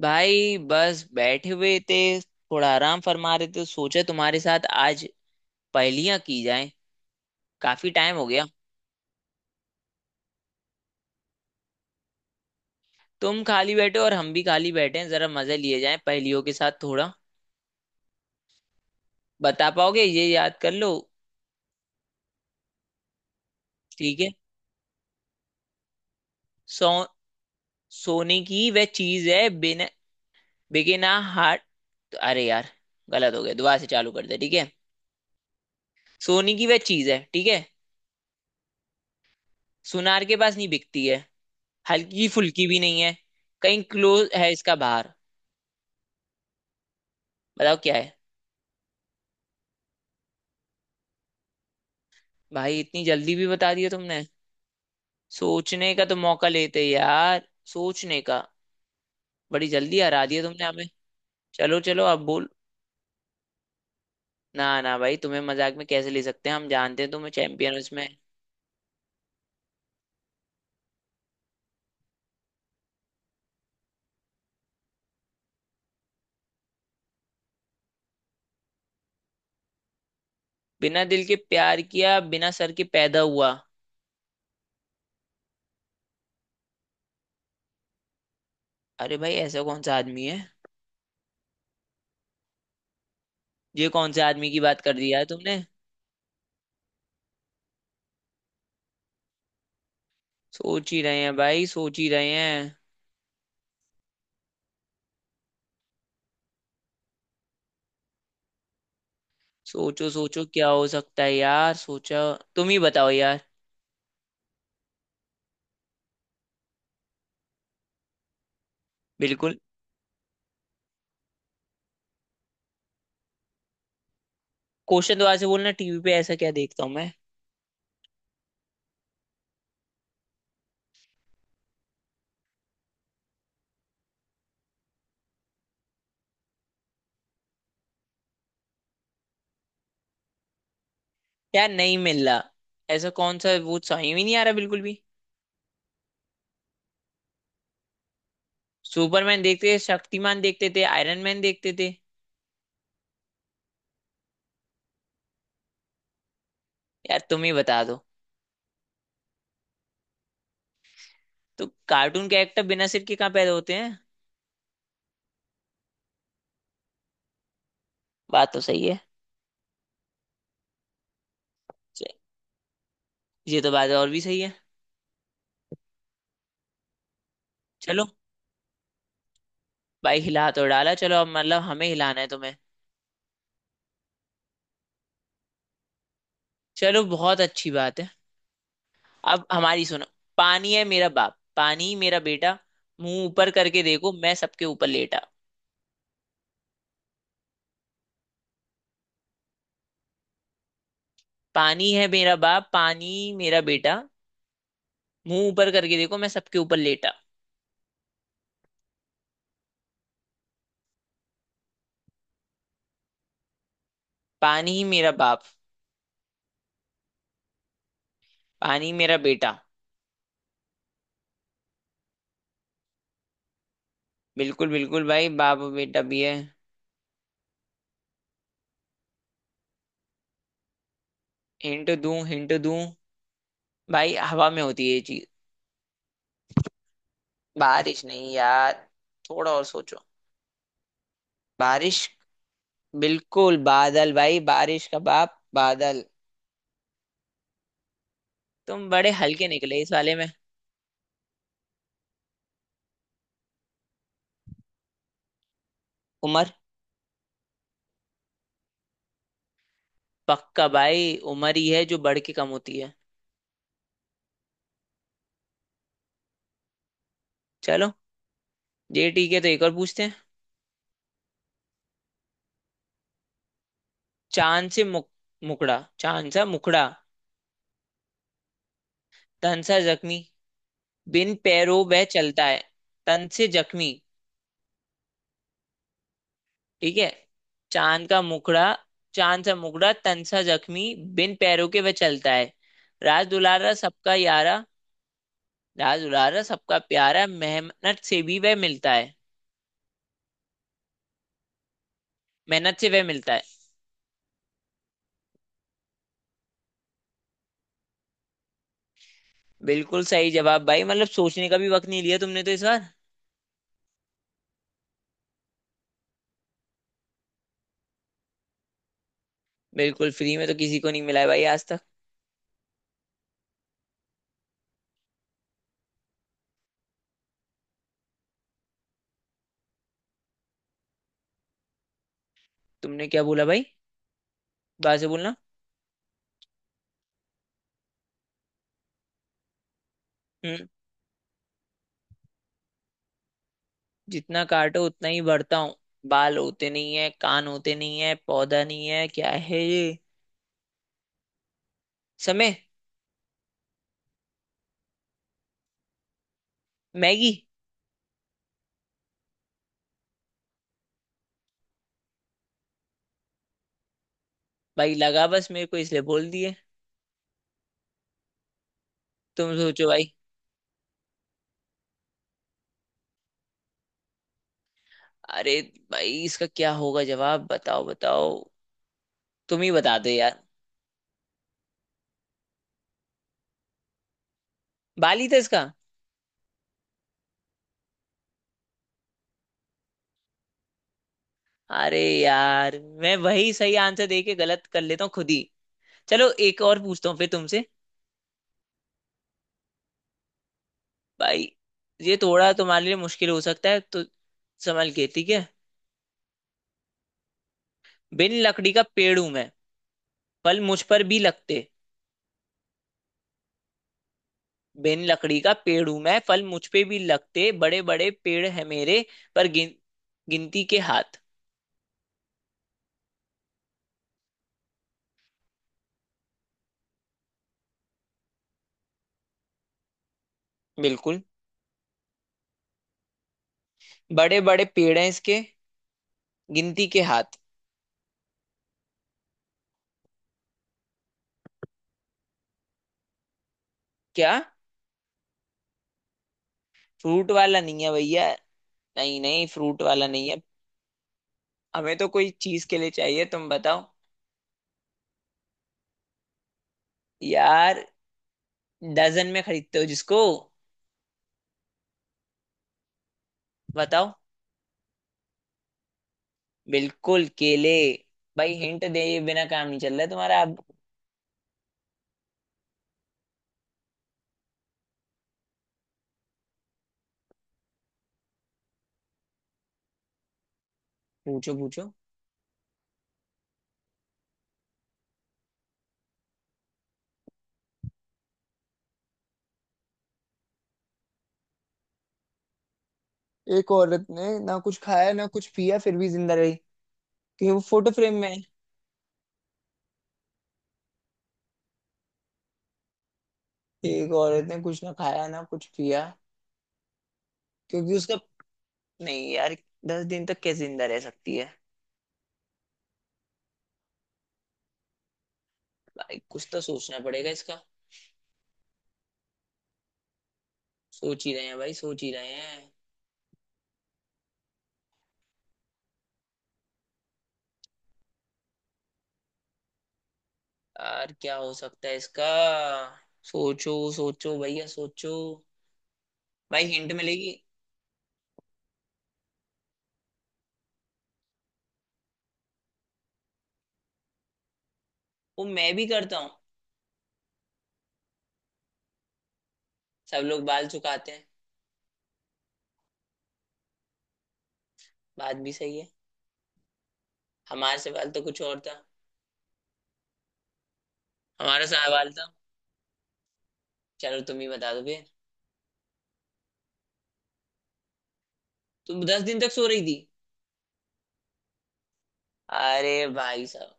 भाई बस बैठे हुए थे, थोड़ा आराम फरमा रहे थे। सोचे तुम्हारे साथ आज पहेलियां की जाएं। काफी टाइम हो गया। तुम खाली बैठे हो और हम भी खाली बैठे हैं, जरा मजे लिए जाएं पहेलियों के साथ थोड़ा। बता पाओगे, ये याद कर लो। ठीक है। सो सोने की वह चीज है, बिना बिके ना हाट। अरे यार, गलत हो गया, दोबारा से चालू कर दे। ठीक है, सोने की वह चीज है। ठीक है, सुनार के पास नहीं बिकती है। हल्की फुल्की भी नहीं है। कहीं क्लोज है इसका बाहर। बताओ क्या है। भाई इतनी जल्दी भी बता दिया तुमने। सोचने का तो मौका लेते यार, सोचने का। बड़ी जल्दी हरा दिया तुमने हमें। चलो चलो, अब बोल। ना ना भाई, तुम्हें मजाक में कैसे ले सकते हैं, हम जानते हैं तुम्हें चैंपियन उसमें। बिना दिल के प्यार किया, बिना सर के पैदा हुआ, अरे भाई ऐसा कौन सा आदमी है। ये कौन से आदमी की बात कर दी यार तुमने। सोच ही रहे हैं भाई, सोच ही रहे हैं। सोचो सोचो, क्या हो सकता है यार, सोचो। तुम ही बताओ यार। बिल्कुल। क्वेश्चन दोबारा से बोलना, टीवी पे ऐसा क्या देखता हूँ मैं। यार नहीं मिल रहा। ऐसा कौन सा, वो सही में नहीं आ रहा बिल्कुल भी। सुपरमैन देखते थे, शक्तिमान देखते थे, आयरन मैन देखते थे। यार तुम ही बता दो। तो कार्टून कैरेक्टर बिना सिर के कहाँ पैदा होते हैं। बात तो सही है। च- ये तो बात और भी सही है। चलो भाई, हिला तो डाला। चलो अब मतलब हमें हिलाना है तुम्हें। चलो बहुत अच्छी बात है। अब हमारी सुनो। पानी है मेरा बाप, पानी मेरा बेटा, मुंह ऊपर करके देखो, मैं सबके ऊपर लेटा। पानी है मेरा बाप, पानी मेरा बेटा, मुंह ऊपर करके देखो, मैं सबके ऊपर लेटा। पानी ही मेरा बाप, पानी ही मेरा बेटा। बिल्कुल बिल्कुल भाई, बाप और बेटा भी है। हिंट दूं हिंट दूं, भाई हवा में होती है ये चीज। बारिश नहीं यार, थोड़ा और सोचो। बारिश। बिल्कुल बादल, भाई बारिश का बाप बादल। तुम बड़े हल्के निकले इस वाले में। उमर। पक्का भाई, उमर ही है जो बढ़ के कम होती है। चलो, ये ठीक है, तो एक और पूछते हैं। चांद से मुकड़ा, चांद सा मुकड़ा, तन सा जख्मी, बिन पैरों वह चलता है। तन से जख्मी। ठीक है, चांद का मुखड़ा। चांद सा मुखड़ा, तन सा जख्मी, बिन पैरों के वह चलता है। राज दुलारा सबका यारा। राज दुलारा सबका प्यारा, मेहनत से भी वह मिलता है। मेहनत से वह मिलता है। बिल्कुल सही जवाब भाई, मतलब सोचने का भी वक्त नहीं लिया तुमने तो इस बार। बिल्कुल, फ्री में तो किसी को नहीं मिला है भाई आज तक। तुमने क्या बोला भाई, बात से बोलना। हम्म। जितना काटो उतना ही बढ़ता हूँ। बाल होते नहीं है, कान होते नहीं है, पौधा नहीं है, क्या है ये। समय। मैगी। भाई लगा बस, मेरे को इसलिए बोल दिए। तुम सोचो भाई। अरे, भाई इसका क्या होगा, जवाब बताओ बताओ। तुम ही बता दो यार। बाली था इसका। अरे यार, मैं वही सही आंसर दे के गलत कर लेता हूँ खुद ही। चलो एक और पूछता हूँ फिर तुमसे। भाई ये थोड़ा तुम्हारे लिए मुश्किल हो सकता है, तो संभल के, ठीक है। बिन लकड़ी का पेड़ हूं मैं, फल मुझ पर भी लगते। बिन लकड़ी का पेड़ हूं मैं, फल मुझ पे भी लगते, बड़े बड़े पेड़ है मेरे, पर गिनती के हाथ। बिल्कुल। बड़े बड़े पेड़ हैं इसके, गिनती के हाथ। क्या। फ्रूट वाला नहीं है भैया। नहीं नहीं, फ्रूट वाला नहीं है। हमें तो कोई चीज के लिए चाहिए, तुम बताओ। यार, डजन में खरीदते हो जिसको। बताओ। बिल्कुल केले। भाई हिंट दे बिना काम नहीं चल रहा है तुम्हारा आप। पूछो पूछो। एक औरत ने ना कुछ खाया ना कुछ पिया फिर भी जिंदा रही, क्योंकि वो फोटो फ्रेम में है। एक औरत ने कुछ ना खाया ना कुछ पिया, क्योंकि उसका। नहीं यार, 10 दिन तक कैसे जिंदा रह सकती है। भाई कुछ तो सोचना पड़ेगा इसका। सोच ही रहे हैं भाई, सोच ही रहे हैं। यार क्या हो सकता है इसका। सोचो सोचो भैया, सोचो। भाई हिंट मिलेगी। वो मैं भी करता हूँ। सब लोग बाल चुकाते हैं। बात भी सही है, हमारे से बाल तो कुछ और था। हमारा सा बाल था। चलो तुम ही बता दो फिर। तुम दस दिन तक सो रही थी। अरे भाई साहब,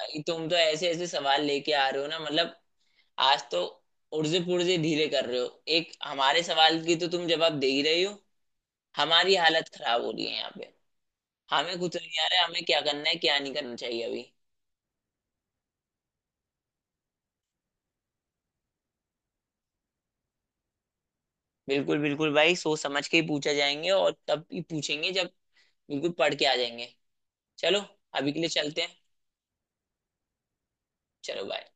भाई तुम तो ऐसे ऐसे सवाल लेके आ रहे हो ना, मतलब आज तो उर्जे पुर्जे ढीले कर रहे हो। एक हमारे सवाल की तो तुम जवाब दे ही रही हो। हमारी हालत खराब हो रही है यहाँ पे। हमें कुछ नहीं आ रहा है, हमें क्या करना है क्या नहीं करना चाहिए अभी। बिल्कुल बिल्कुल भाई, सोच समझ के ही पूछा जाएंगे और तब ही पूछेंगे जब बिल्कुल पढ़ के आ जाएंगे। चलो। अभी के लिए चलते हैं। चलो बाय।